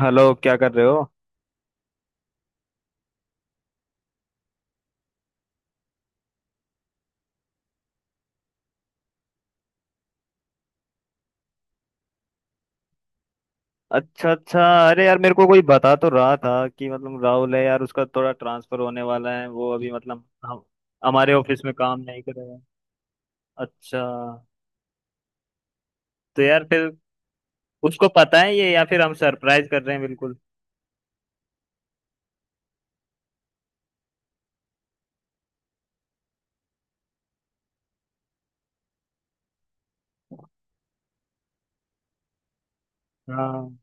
Hello, क्या कर रहे हो। अच्छा, अच्छा। अरे यार, मेरे को कोई बता तो रहा था कि मतलब राहुल है यार, उसका थोड़ा ट्रांसफर होने वाला है। वो अभी मतलब हम हमारे ऑफिस में काम नहीं कर रहा है। अच्छा। तो यार फिर उसको पता है ये या फिर हम सरप्राइज कर रहे हैं। बिल्कुल। हाँ।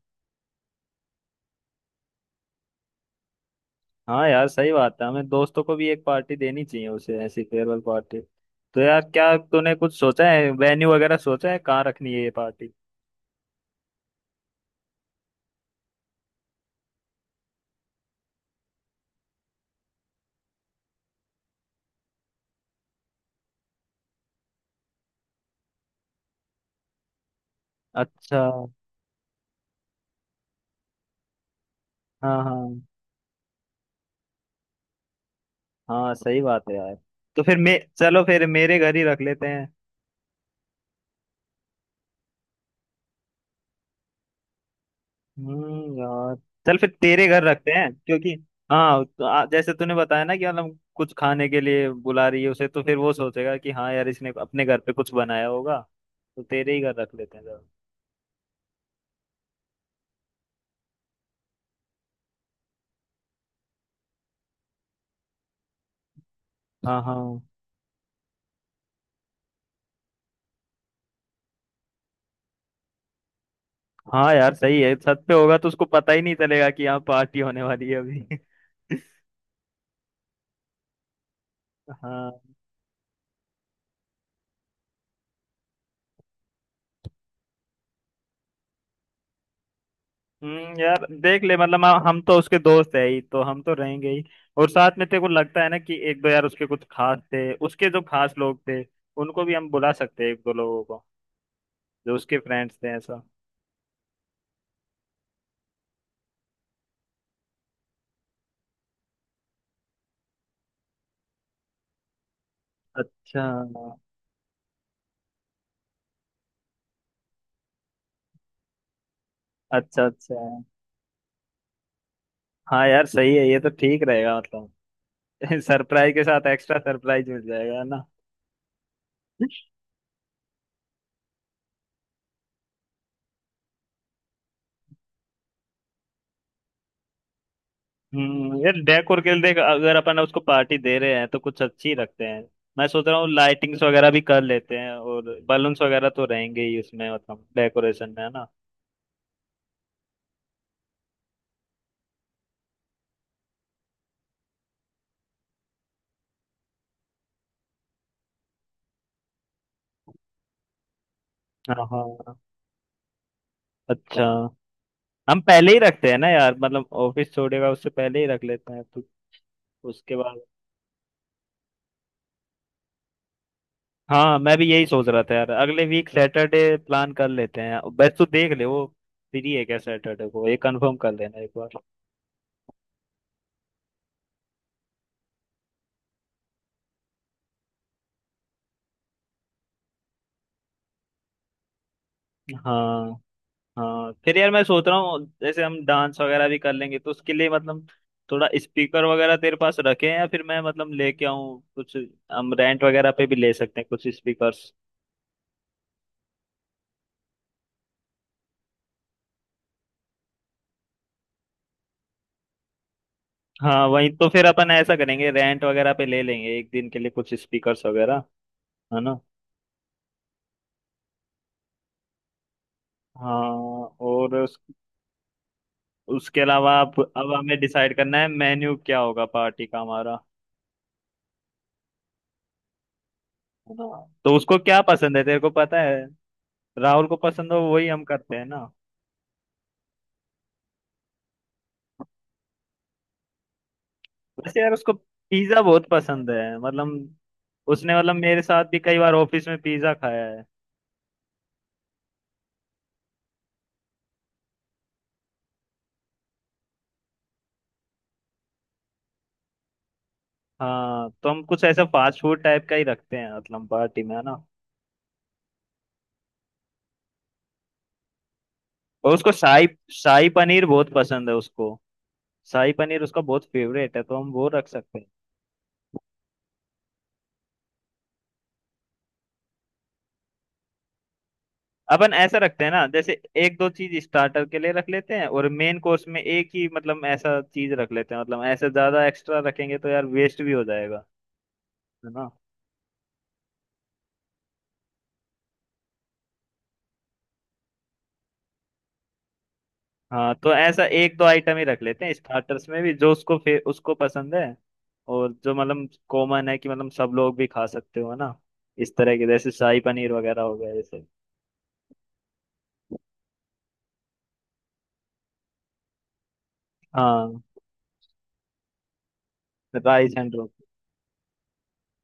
हाँ यार, सही बात है, हमें दोस्तों को भी एक पार्टी देनी चाहिए उसे, ऐसी फेयरवेल पार्टी। तो यार, क्या तूने कुछ सोचा है, वेन्यू वगैरह सोचा है, कहाँ रखनी है ये पार्टी। अच्छा। हाँ हाँ हाँ, सही बात है यार। तो फिर मैं, चलो फिर मेरे घर ही रख लेते हैं। यार, चल फिर तेरे घर रखते हैं क्योंकि। हाँ, तो जैसे तूने बताया ना कि मतलब कुछ खाने के लिए बुला रही है उसे, तो फिर वो सोचेगा कि हाँ यार इसने अपने घर पे कुछ बनाया होगा। तो तेरे ही घर रख लेते हैं जरा। हाँ। हाँ। हाँ यार, सही है, छत पे होगा तो उसको पता ही नहीं चलेगा कि यहाँ पार्टी होने वाली है अभी। हाँ। यार, देख ले, मतलब हम तो उसके दोस्त है ही, तो हम तो रहेंगे ही। और साथ में तेरे को लगता है ना कि एक दो यार उसके कुछ खास थे, उसके जो खास लोग थे, उनको भी हम बुला सकते हैं एक दो लोगों को, जो उसके फ्रेंड्स थे ऐसा। अच्छा, हाँ। अच्छा अच्छा। हाँ यार, सही है ये, तो ठीक रहेगा मतलब। सरप्राइज के साथ एक्स्ट्रा सरप्राइज मिल जाएगा, है ना। यार, डेकोर के लिए देख, अगर अपन उसको पार्टी दे रहे हैं तो कुछ अच्छी रखते हैं। मैं सोच रहा हूँ लाइटिंग्स वगैरह भी कर लेते हैं, और बलून्स वगैरह तो रहेंगे ही उसमें, मतलब डेकोरेशन में, है ना। हाँ हाँ। अच्छा। हम पहले ही रखते हैं ना यार, मतलब ऑफिस छोड़ेगा उससे पहले ही रख लेते हैं तो। उसके बाद। हाँ, मैं भी यही सोच रहा था यार, अगले वीक सैटरडे प्लान कर लेते हैं। बस तू देख ले वो फ्री है क्या सैटरडे को, ये कंफर्म कर लेना एक बार। हाँ। हाँ फिर यार, मैं सोच रहा हूँ जैसे हम डांस वगैरह भी कर लेंगे तो उसके लिए मतलब थोड़ा स्पीकर वगैरह तेरे पास रखे हैं या फिर मैं मतलब लेके आऊँ कुछ। हम रेंट वगैरह पे भी ले सकते हैं कुछ स्पीकर्स। हाँ वही, तो फिर अपन ऐसा करेंगे, रेंट वगैरह पे ले लेंगे एक दिन के लिए कुछ स्पीकर्स वगैरह, है ना। हाँ। और उसके अलावा अब हमें डिसाइड करना है मेन्यू क्या होगा पार्टी का हमारा, है ना। तो उसको क्या पसंद है, तेरे को पता है। राहुल को पसंद हो वही हम करते हैं ना। वैसे यार उसको पिज्जा बहुत पसंद है, मतलब उसने मतलब मेरे साथ भी कई बार ऑफिस में पिज्जा खाया है। हाँ, तो हम कुछ ऐसा फास्ट फूड टाइप का ही रखते हैं मतलब पार्टी में, है ना। और उसको शाही शाही पनीर बहुत पसंद है उसको, शाही पनीर उसका बहुत फेवरेट है, तो हम वो रख सकते हैं। अपन ऐसा रखते हैं ना, जैसे एक दो चीज स्टार्टर के लिए रख लेते हैं और मेन कोर्स में एक ही, मतलब ऐसा चीज रख लेते हैं, मतलब ऐसे ज्यादा एक्स्ट्रा रखेंगे तो यार वेस्ट भी हो जाएगा, है ना। हाँ, तो ऐसा एक दो आइटम ही रख लेते हैं स्टार्टर्स में भी, जो उसको उसको पसंद है, और जो मतलब कॉमन है कि मतलब सब लोग भी खा सकते हो ना, इस तरह के, जैसे शाही पनीर वगैरह हो गया जैसे। हाँ। राइस एंड रोटी।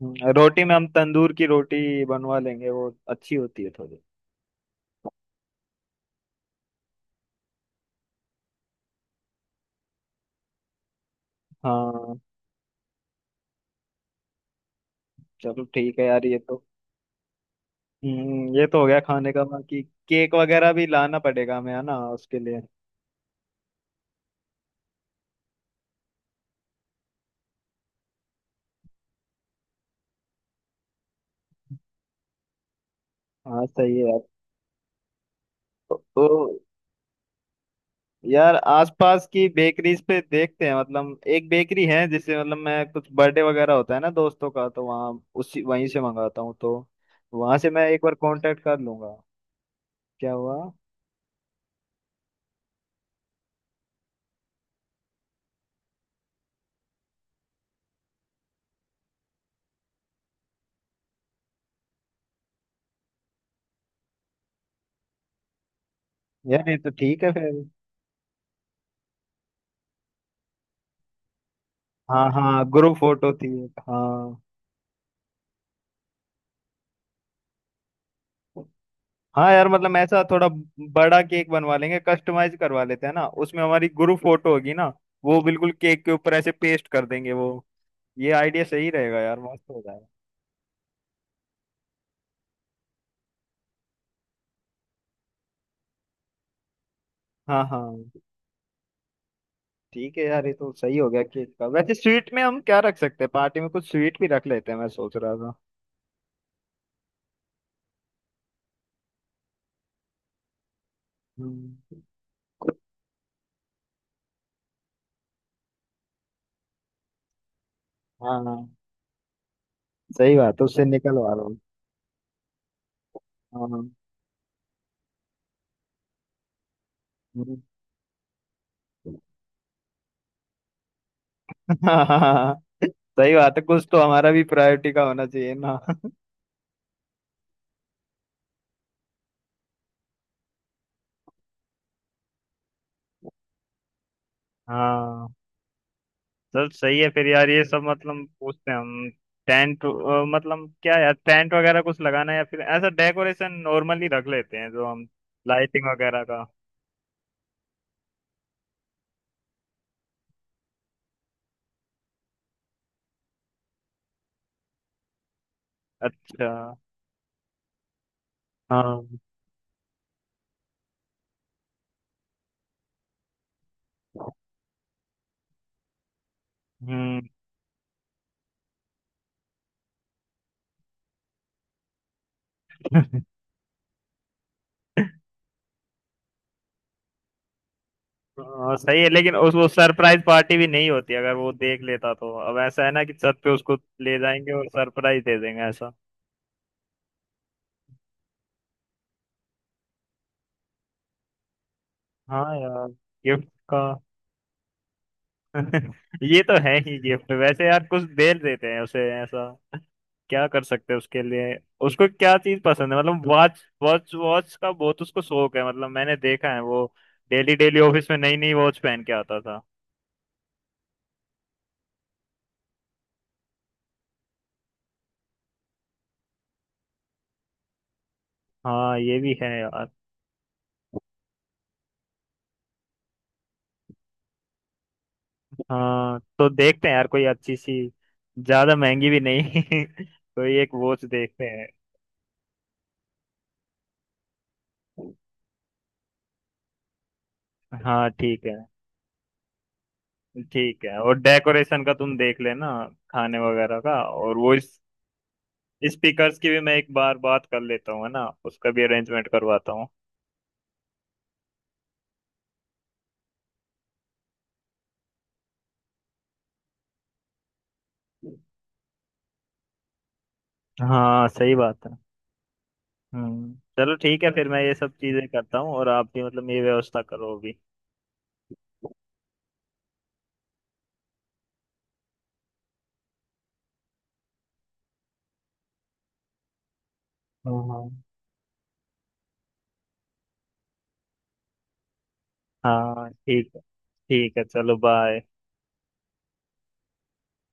रोटी में हम तंदूर की रोटी बनवा लेंगे, वो अच्छी होती है थोड़ी। हाँ। चलो ठीक है यार, ये तो। हम्म, ये तो हो गया खाने का, बाकी केक वगैरह भी लाना पड़ेगा हमें, है ना उसके लिए। हाँ सही है यार। तो यार आसपास की बेकरीज पे देखते हैं, मतलब एक बेकरी है जिससे मतलब मैं, कुछ बर्थडे वगैरह होता है ना दोस्तों का तो वहाँ, उसी वहीं से मंगाता हूँ, तो वहां से मैं एक बार कांटेक्ट कर लूंगा। क्या हुआ। यार ये तो ठीक है फिर। हाँ हाँ, ग्रुप फोटो थी एक, हाँ। हाँ यार, मतलब ऐसा थोड़ा बड़ा केक बनवा लेंगे, कस्टमाइज करवा लेते हैं ना, उसमें हमारी ग्रुप फोटो होगी ना, वो बिल्कुल केक के ऊपर ऐसे पेस्ट कर देंगे वो। ये आइडिया सही रहेगा यार, मस्त हो जाएगा। हाँ हाँ। ठीक है यार, ये तो सही हो गया केक का। वैसे स्वीट में हम क्या रख सकते हैं पार्टी में, कुछ स्वीट भी रख लेते हैं, मैं सोच रहा था। हम्म। हाँ, हाँ, सही बात है, उससे निकलवा रहा हूँ। हाँ। हाँ, हाँ, सही बात है, कुछ तो हमारा भी प्रायोरिटी का होना चाहिए ना। हाँ। चल सही है फिर यार, ये सब मतलब पूछते हैं हम। टेंट, मतलब क्या यार, टेंट वगैरह कुछ लगाना है या फिर ऐसा डेकोरेशन नॉर्मली रख लेते हैं जो हम, लाइटिंग वगैरह का। अच्छा। हाँ। हम्म। हाँ सही है, लेकिन उस वो सरप्राइज पार्टी भी नहीं होती अगर वो देख लेता तो। अब ऐसा है ना कि छत पे उसको ले जाएंगे और सरप्राइज दे देंगे ऐसा। हाँ यार, गिफ्ट का ये तो है ही गिफ्ट। वैसे यार कुछ दे देते हैं उसे, ऐसा क्या कर सकते हैं उसके लिए। उसको क्या चीज पसंद है, मतलब वॉच वॉच वॉच का बहुत उसको शौक है, मतलब मैंने देखा है वो डेली डेली ऑफिस में नई नई वॉच पहन के आता था। हाँ ये भी है यार। हाँ तो देखते हैं यार कोई अच्छी सी, ज्यादा महंगी भी नहीं कोई एक वॉच देखते हैं। हाँ ठीक है। ठीक है, और डेकोरेशन का तुम देख लेना, खाने वगैरह का, और वो इस स्पीकर्स की भी मैं एक बार बात कर लेता हूँ, है ना, उसका भी अरेंजमेंट करवाता हूँ। हाँ सही बात है। हम्म। चलो ठीक है फिर, मैं ये सब चीजें करता हूँ और आप भी मतलब ये व्यवस्था करो अभी। हाँ हाँ। हाँ ठीक है, ठीक है, चलो बाय।